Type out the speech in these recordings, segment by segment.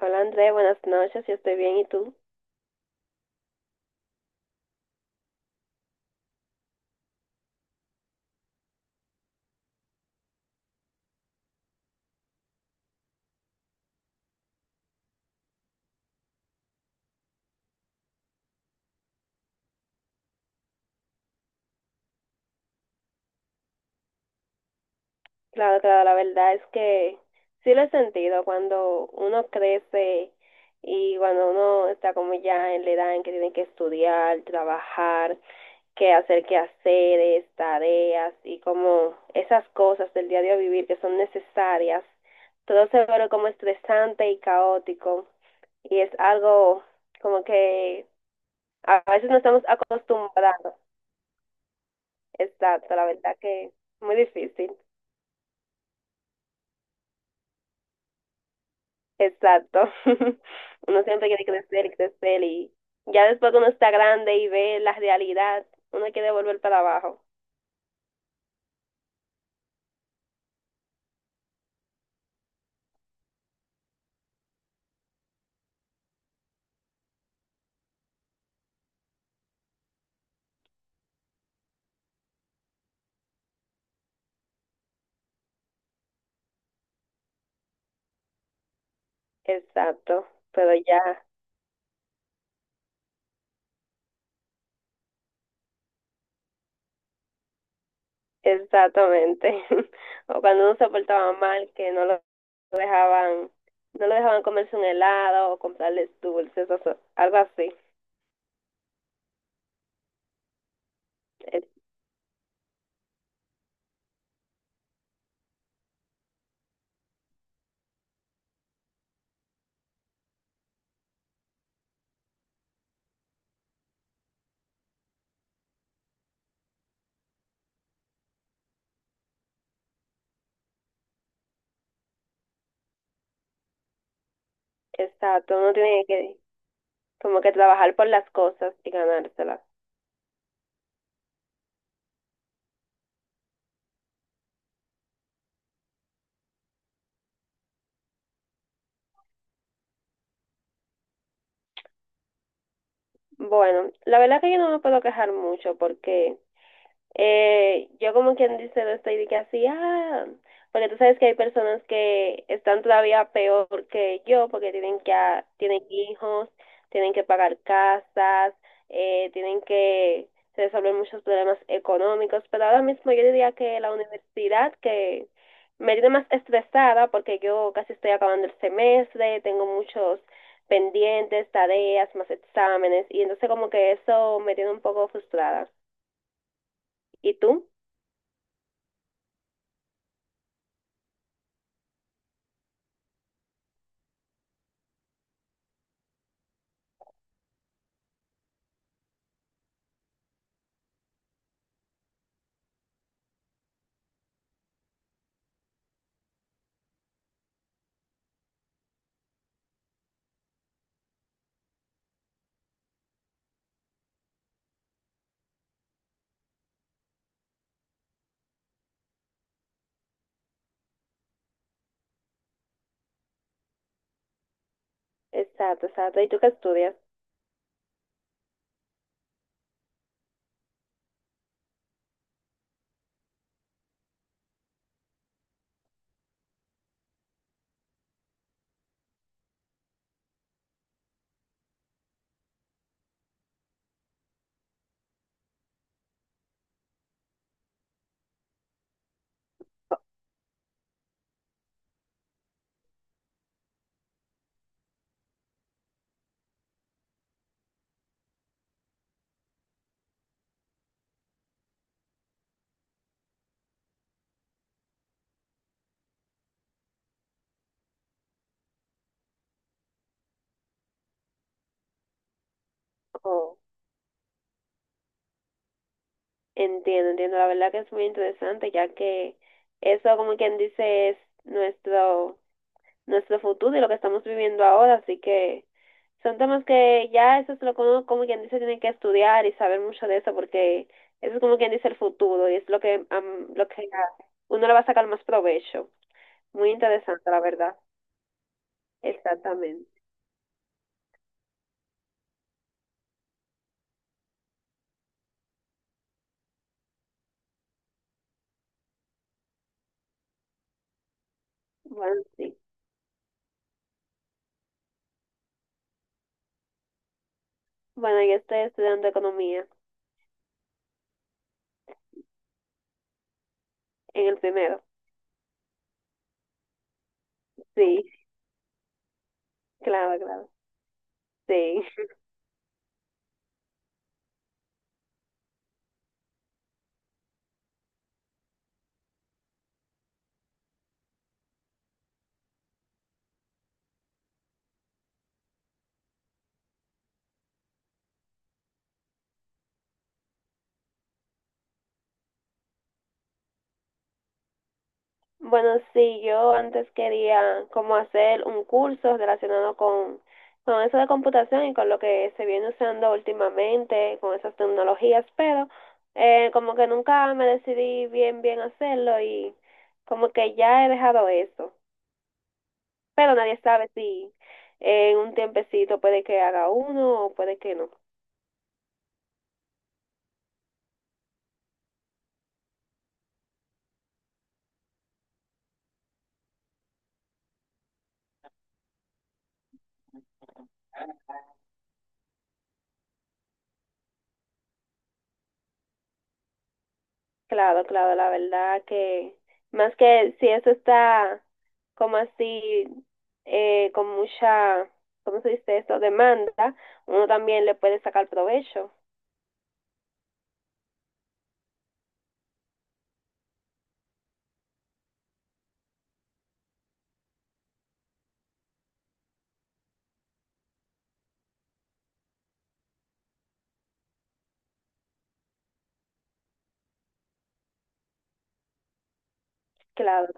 Hola André, buenas noches, yo estoy bien, ¿y tú? Claro, claro, la verdad es que sí lo he sentido cuando uno crece y cuando uno está como ya en la edad en que tiene que estudiar, trabajar, que hacer quehaceres, tareas y como esas cosas del diario vivir que son necesarias, todo se vuelve como estresante y caótico y es algo como que a veces no estamos acostumbrados, exacto, la verdad que muy difícil. Exacto. Uno siempre quiere crecer y crecer y ya después que uno está grande y ve la realidad, uno quiere volver para abajo. Exacto. Pero ya, exactamente. O cuando uno se portaba mal, que dejaban, no lo dejaban comerse un helado o comprarles dulces o algo así. E- Exacto. Uno tiene que como que trabajar por las cosas y ganárselas. Bueno, la verdad que yo no me puedo quejar mucho porque yo como quien dice, no estoy de que así, porque tú sabes que hay personas que están todavía peor que yo porque tienen hijos, tienen que pagar casas, tienen que resolver muchos problemas económicos, pero ahora mismo yo diría que la universidad que me tiene más estresada porque yo casi estoy acabando el semestre, tengo muchos pendientes, tareas, más exámenes, y entonces como que eso me tiene un poco frustrada. ¿Y tú? Exacto, exacto. ¿Y tú qué estudias? Oh, entiendo, entiendo. La verdad que es muy interesante, ya que eso, como quien dice, es nuestro, nuestro futuro y lo que estamos viviendo ahora. Así que son temas que ya eso es lo que uno, como quien dice, tiene que estudiar y saber mucho de eso, porque eso es como quien dice el futuro y es lo que a uno le va a sacar más provecho. Muy interesante, la verdad. Exactamente. Bueno, sí. Bueno, yo estoy estudiando economía en el primero. Sí, claro, claro. Sí, bueno, sí, yo antes quería como hacer un curso relacionado con eso de computación y con lo que se viene usando últimamente, con esas tecnologías, pero como que nunca me decidí bien, bien hacerlo y como que ya he dejado eso, pero nadie sabe si en un tiempecito puede que haga uno o puede que no. Claro, claro, la verdad que más que si eso está como así, con mucha, ¿cómo se dice eso? Demanda, uno también le puede sacar provecho. Claro.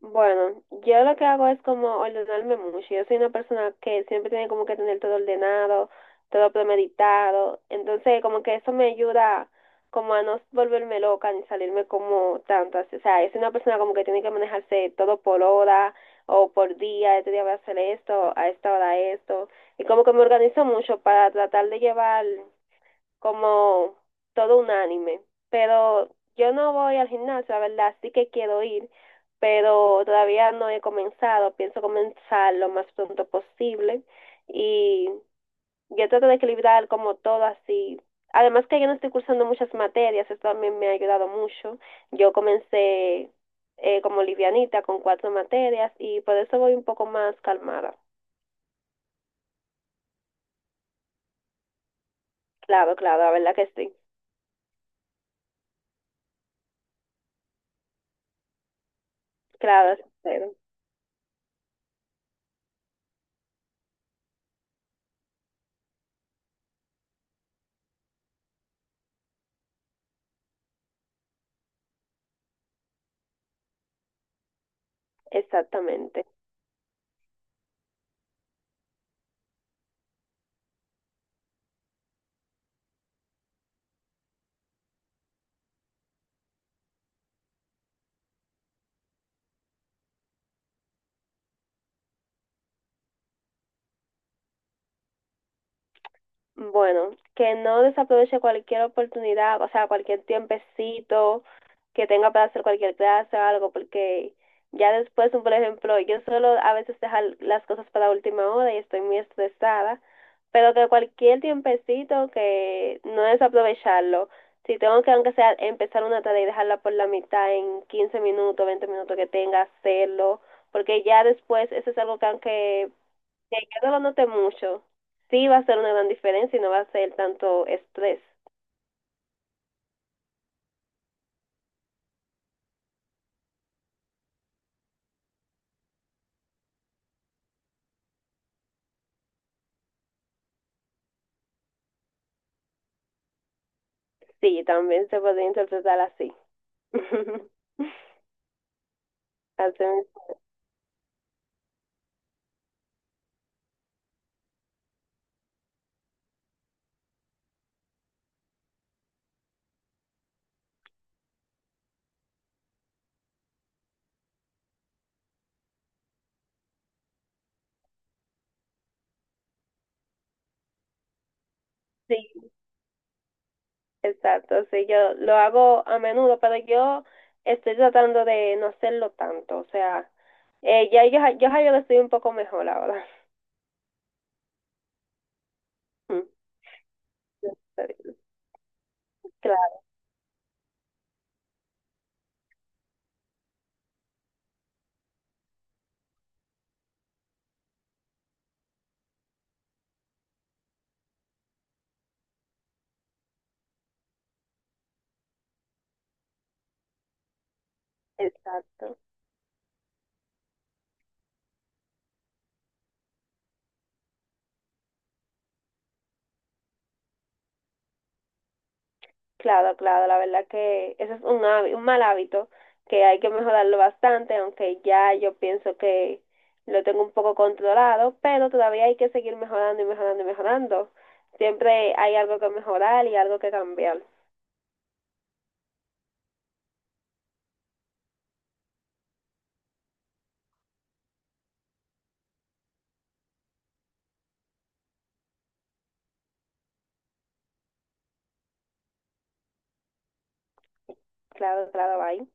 Bueno, yo lo que hago es como ordenarme mucho. Yo soy una persona que siempre tiene como que tener todo ordenado, todo premeditado. Entonces, como que eso me ayuda como a no volverme loca ni salirme como tanto. O sea, es una persona como que tiene que manejarse todo por hora o por día. Este día voy a hacer esto, a esta hora esto. Y como que me organizo mucho para tratar de llevar como todo un anime. Pero yo no voy al gimnasio, la verdad, sí que quiero ir, pero todavía no he comenzado. Pienso comenzar lo más pronto posible y yo trato de equilibrar como todo así. Además que yo no estoy cursando muchas materias, eso también me ha ayudado mucho. Yo comencé como livianita con cuatro materias y por eso voy un poco más calmada. Claro, claro, la verdad que sí. Claro, pero exactamente. Bueno, que no desaproveche cualquier oportunidad, o sea, cualquier tiempecito que tenga para hacer cualquier clase o algo, porque ya después, por ejemplo, yo suelo a veces dejar las cosas para última hora y estoy muy estresada, pero que cualquier tiempecito que no desaprovecharlo. Si tengo que, aunque sea, empezar una tarea y dejarla por la mitad en 15 minutos, 20 minutos que tenga, hacerlo, porque ya después eso es algo que aunque que yo no lo note mucho, sí va a ser una gran diferencia y no va a ser tanto estrés. Sí, también se puede interpretar así. Así mismo. Sí, exacto. Sí, yo lo hago a menudo, pero yo estoy tratando de no hacerlo tanto. O sea, ya yo lo estoy un poco mejor ahora. Claro, exacto. Claro, claro, la verdad que ese es un mal hábito que hay que mejorarlo bastante, aunque ya yo pienso que lo tengo un poco controlado, pero todavía hay que seguir mejorando y mejorando y mejorando. Siempre hay algo que mejorar y algo que cambiar. Claro, claro, bye.